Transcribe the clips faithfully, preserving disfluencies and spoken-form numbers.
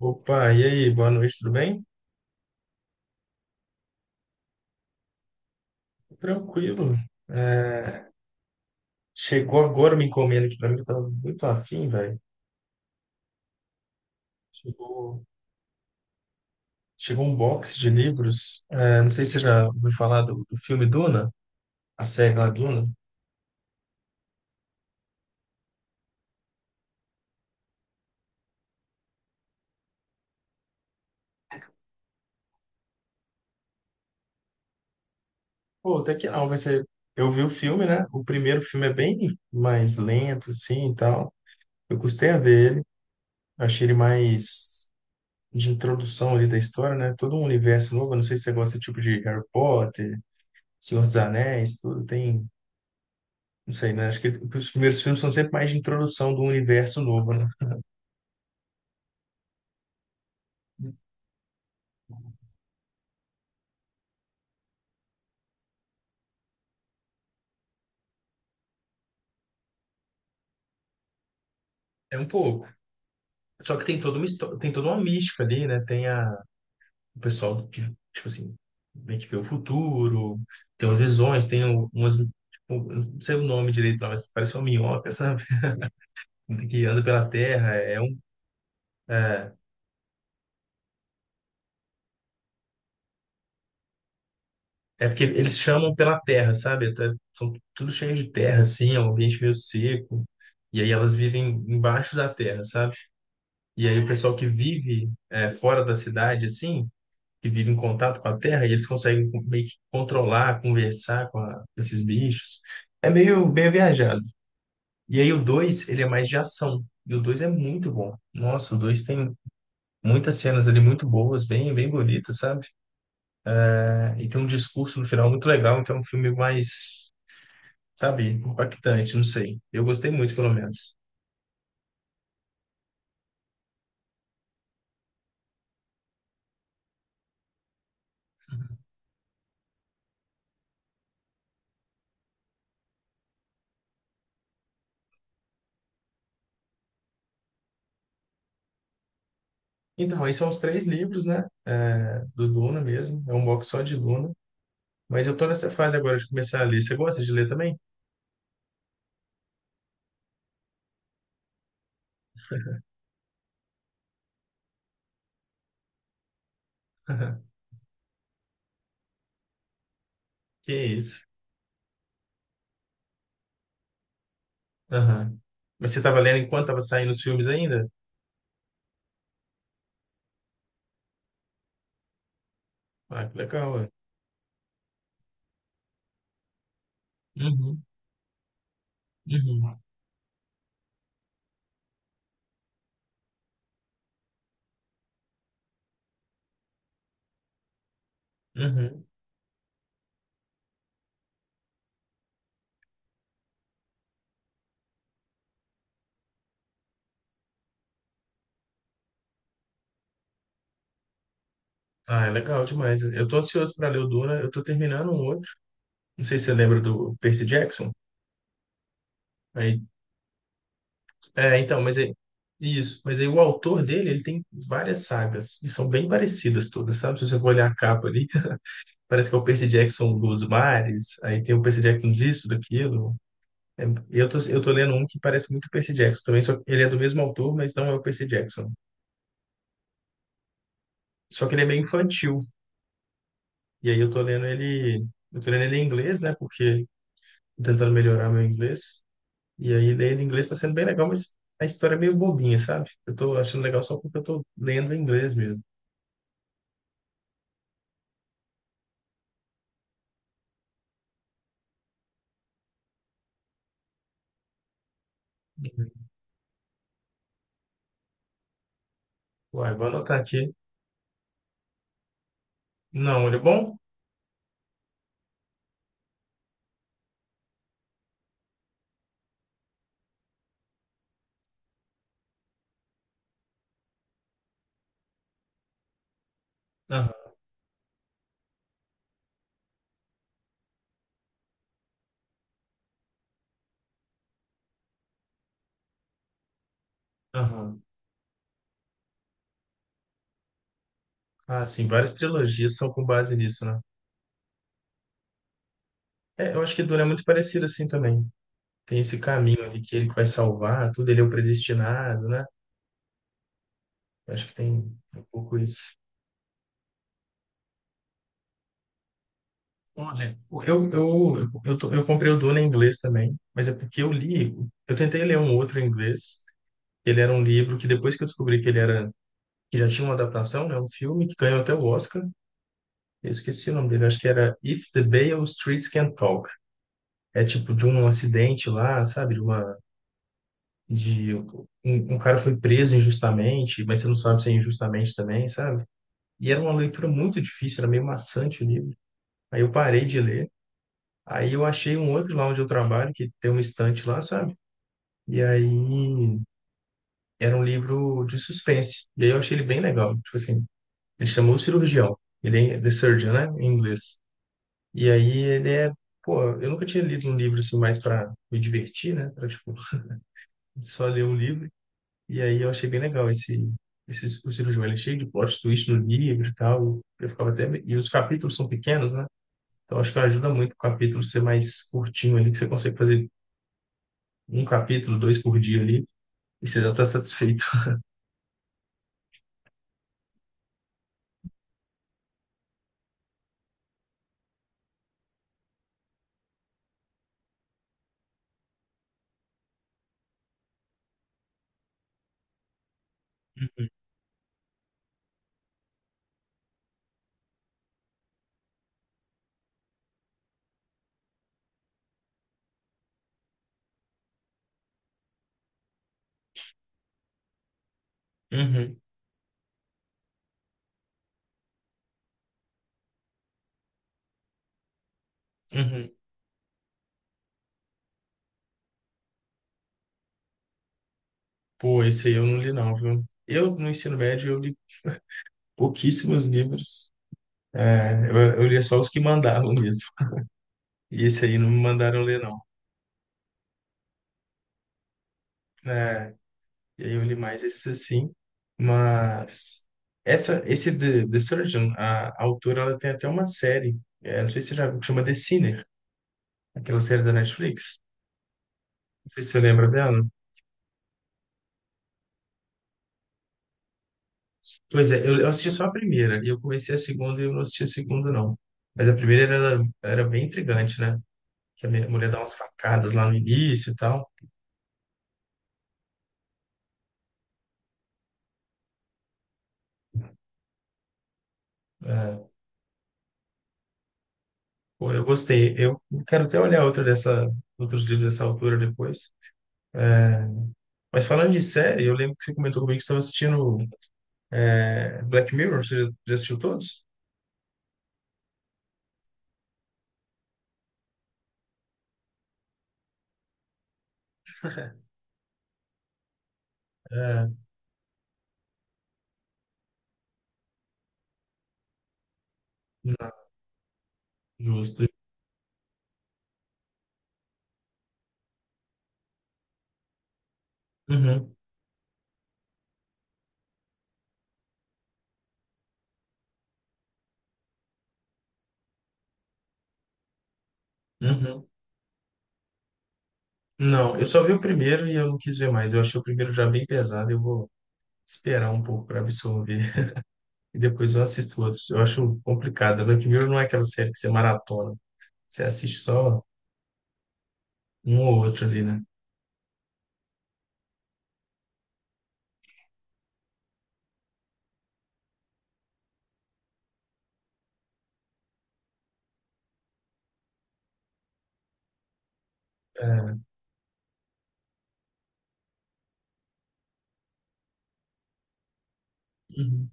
Opa, e aí, boa noite, tudo bem? Tranquilo. É, chegou agora uma encomenda aqui para mim, que eu tava muito afim, velho. Chegou, chegou um box de livros. É, não sei se você já ouviu falar do, do filme Duna, a série lá Duna. Pô, até que não, vai ser. Eu vi o filme, né? O primeiro filme é bem mais lento, assim e tal. Eu custei a ver ele, achei ele mais de introdução ali da história, né? Todo um universo novo. Eu não sei se você gosta desse tipo de Harry Potter, Senhor dos Anéis, tudo. Tem não sei, né? Acho que os primeiros filmes são sempre mais de introdução do universo novo, né? É um pouco. Só que tem toda uma história, tem toda uma mística ali, né? Tem a, o pessoal que, tipo assim, meio que vê o futuro, tem umas visões, tem um- umas, tipo, eu não sei o nome direito lá, mas parece uma minhoca, sabe? Que anda pela terra, é um, é, é porque eles chamam pela terra, sabe? Até- São tudo cheio de terra, assim, é um ambiente meio seco, e aí elas vivem embaixo da terra, sabe? E aí o pessoal que vive é, fora da cidade, assim, que vive em contato com a terra, e eles conseguem co- meio que controlar, conversar com a- esses bichos. É meio bem viajado. E aí o dois ele é mais de ação. E o dois é muito bom. Nossa, o dois tem muitas cenas ali muito boas, bem, bem bonitas, sabe? É, e tem um discurso no final muito legal, então é um filme mais, sabe, impactante, não sei. Eu gostei muito, pelo menos. Então, aí são os três livros, né? É, do Duna mesmo. É um box só de Duna. Mas eu tô nessa fase agora de começar a ler. Você gosta de ler também? Que isso. Aham. Mas você estava lendo enquanto estava saindo os filmes ainda? Ah, que legal, ué. Uhum, uhum, uhum. Ah, é legal demais. Eu tô ansioso para ler o Duna. Eu tô terminando um outro. Não sei se você lembra do Percy Jackson. Aí, é, então, mas aí, isso. Mas aí o autor dele, ele tem várias sagas e são bem parecidas todas, sabe? Se você for olhar a capa ali, parece que é o Percy Jackson dos mares. Aí tem o Percy Jackson disso, daquilo. É, e eu tô, eu tô lendo um que parece muito o Percy Jackson também, só que ele é do mesmo autor, mas não é o Percy Jackson. Só que ele é meio infantil. E aí eu tô lendo ele, eu tô lendo ele em inglês, né? Porque tô tentando melhorar meu inglês. E aí ler ele em inglês tá sendo bem legal, mas a história é meio bobinha, sabe? Eu tô achando legal só porque eu tô lendo em inglês mesmo. Uai, vou anotar aqui. Não, ele é bom? Aham, aham. Ah, sim, várias trilogias são com base nisso, né? É, eu acho que Duna é muito parecido assim também. Tem esse caminho ali que ele que vai salvar, tudo, ele é o predestinado, né? Acho que tem um pouco isso. Olha, eu, eu, eu, tô- eu comprei o Duna em inglês também, mas é porque eu li, eu tentei ler um outro em inglês, ele era um livro que depois que eu descobri que ele era, que já tinha uma adaptação, né, um filme que ganhou até o Oscar, eu esqueci o nome dele, acho que era If the Beale Streets Can Talk. É tipo de um acidente lá, sabe? De uma, de um, um cara foi preso injustamente, mas você não sabe se é injustamente também, sabe? E era uma leitura muito difícil, era meio maçante o livro. Aí eu parei de ler. Aí eu achei um outro lá onde eu trabalho, que tem uma estante lá, sabe? E aí era um livro de suspense. E aí eu achei ele bem legal. Tipo assim, ele chamou o cirurgião. Ele é The Surgeon, né? Em inglês. E aí ele é. Pô, eu nunca tinha lido um livro assim mais para me divertir, né? Pra, tipo, só ler um livro. E aí eu achei bem legal esse, esse o cirurgião. Ele é cheio de plot twist no livro e tal. Eu ficava até. E os capítulos são pequenos, né? Então, acho que ajuda muito o capítulo ser mais curtinho ali, que você consegue fazer um capítulo, dois por dia ali, e você já está satisfeito. Uhum, uhum. Pô, esse aí eu não li não, viu? Eu, no ensino médio, eu li pouquíssimos livros. É, eu, eu lia só os que mandavam mesmo. E esse aí não me mandaram ler, não. É, e aí eu li mais esses assim. Mas essa, esse The, The Surgeon, a, a autora, ela tem até uma série. É, não sei se você já viu, que chama The Sinner, aquela série da Netflix. Não sei se você lembra dela. Pois é, eu, eu assisti só a primeira, e eu comecei a segunda e eu não assisti a segunda, não. Mas a primeira era, era bem intrigante, né? Que a minha mulher dá umas facadas lá no início e tal. É, pô, eu gostei. Eu quero até olhar outra dessa, outros livros dessa altura depois. É, mas falando de série, eu lembro que você comentou comigo que estava assistindo é, Black Mirror. Você já já assistiu todos? É, não, justo. Uhum, uhum. Não, eu só vi o primeiro e eu não quis ver mais. Eu achei o primeiro já bem pesado. Eu vou esperar um pouco para absorver e depois eu assisto outros. Eu acho complicado. Mas primeiro não é aquela série que você maratona. Você assiste só um ou outro ali, né? É, uhum.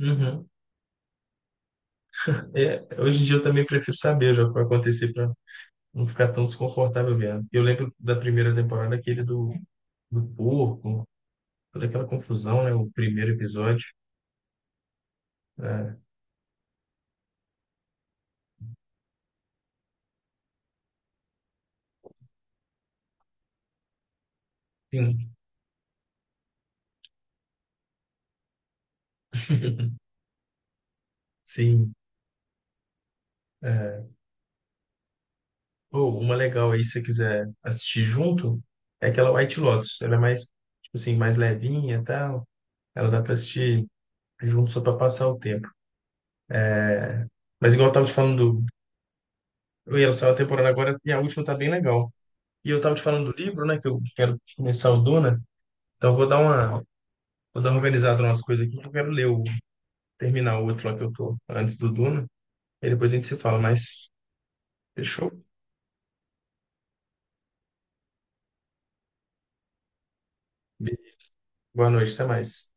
Uhum. É, hoje em dia eu também prefiro saber já o que vai acontecer para não ficar tão desconfortável vendo. Eu lembro da primeira temporada, aquele do, do porco, toda aquela confusão, né? O primeiro episódio. É, sim, sim. É. Pô, uma legal aí, se você quiser assistir junto, é aquela White Lotus. Ela é mais, tipo assim, mais levinha e tal. Ela dá para assistir junto só para passar o tempo. Mas igual eu tava te falando, do... eu ia lançar uma temporada agora e a última tá bem legal. E eu tava te falando do livro, né, que eu quero começar o Duna, então eu vou dar uma, vou dar uma organizada nas coisas aqui, que eu quero ler o, terminar o outro lá que eu tô antes do Duna, e depois a gente se fala, mas fechou? Boa noite, até mais.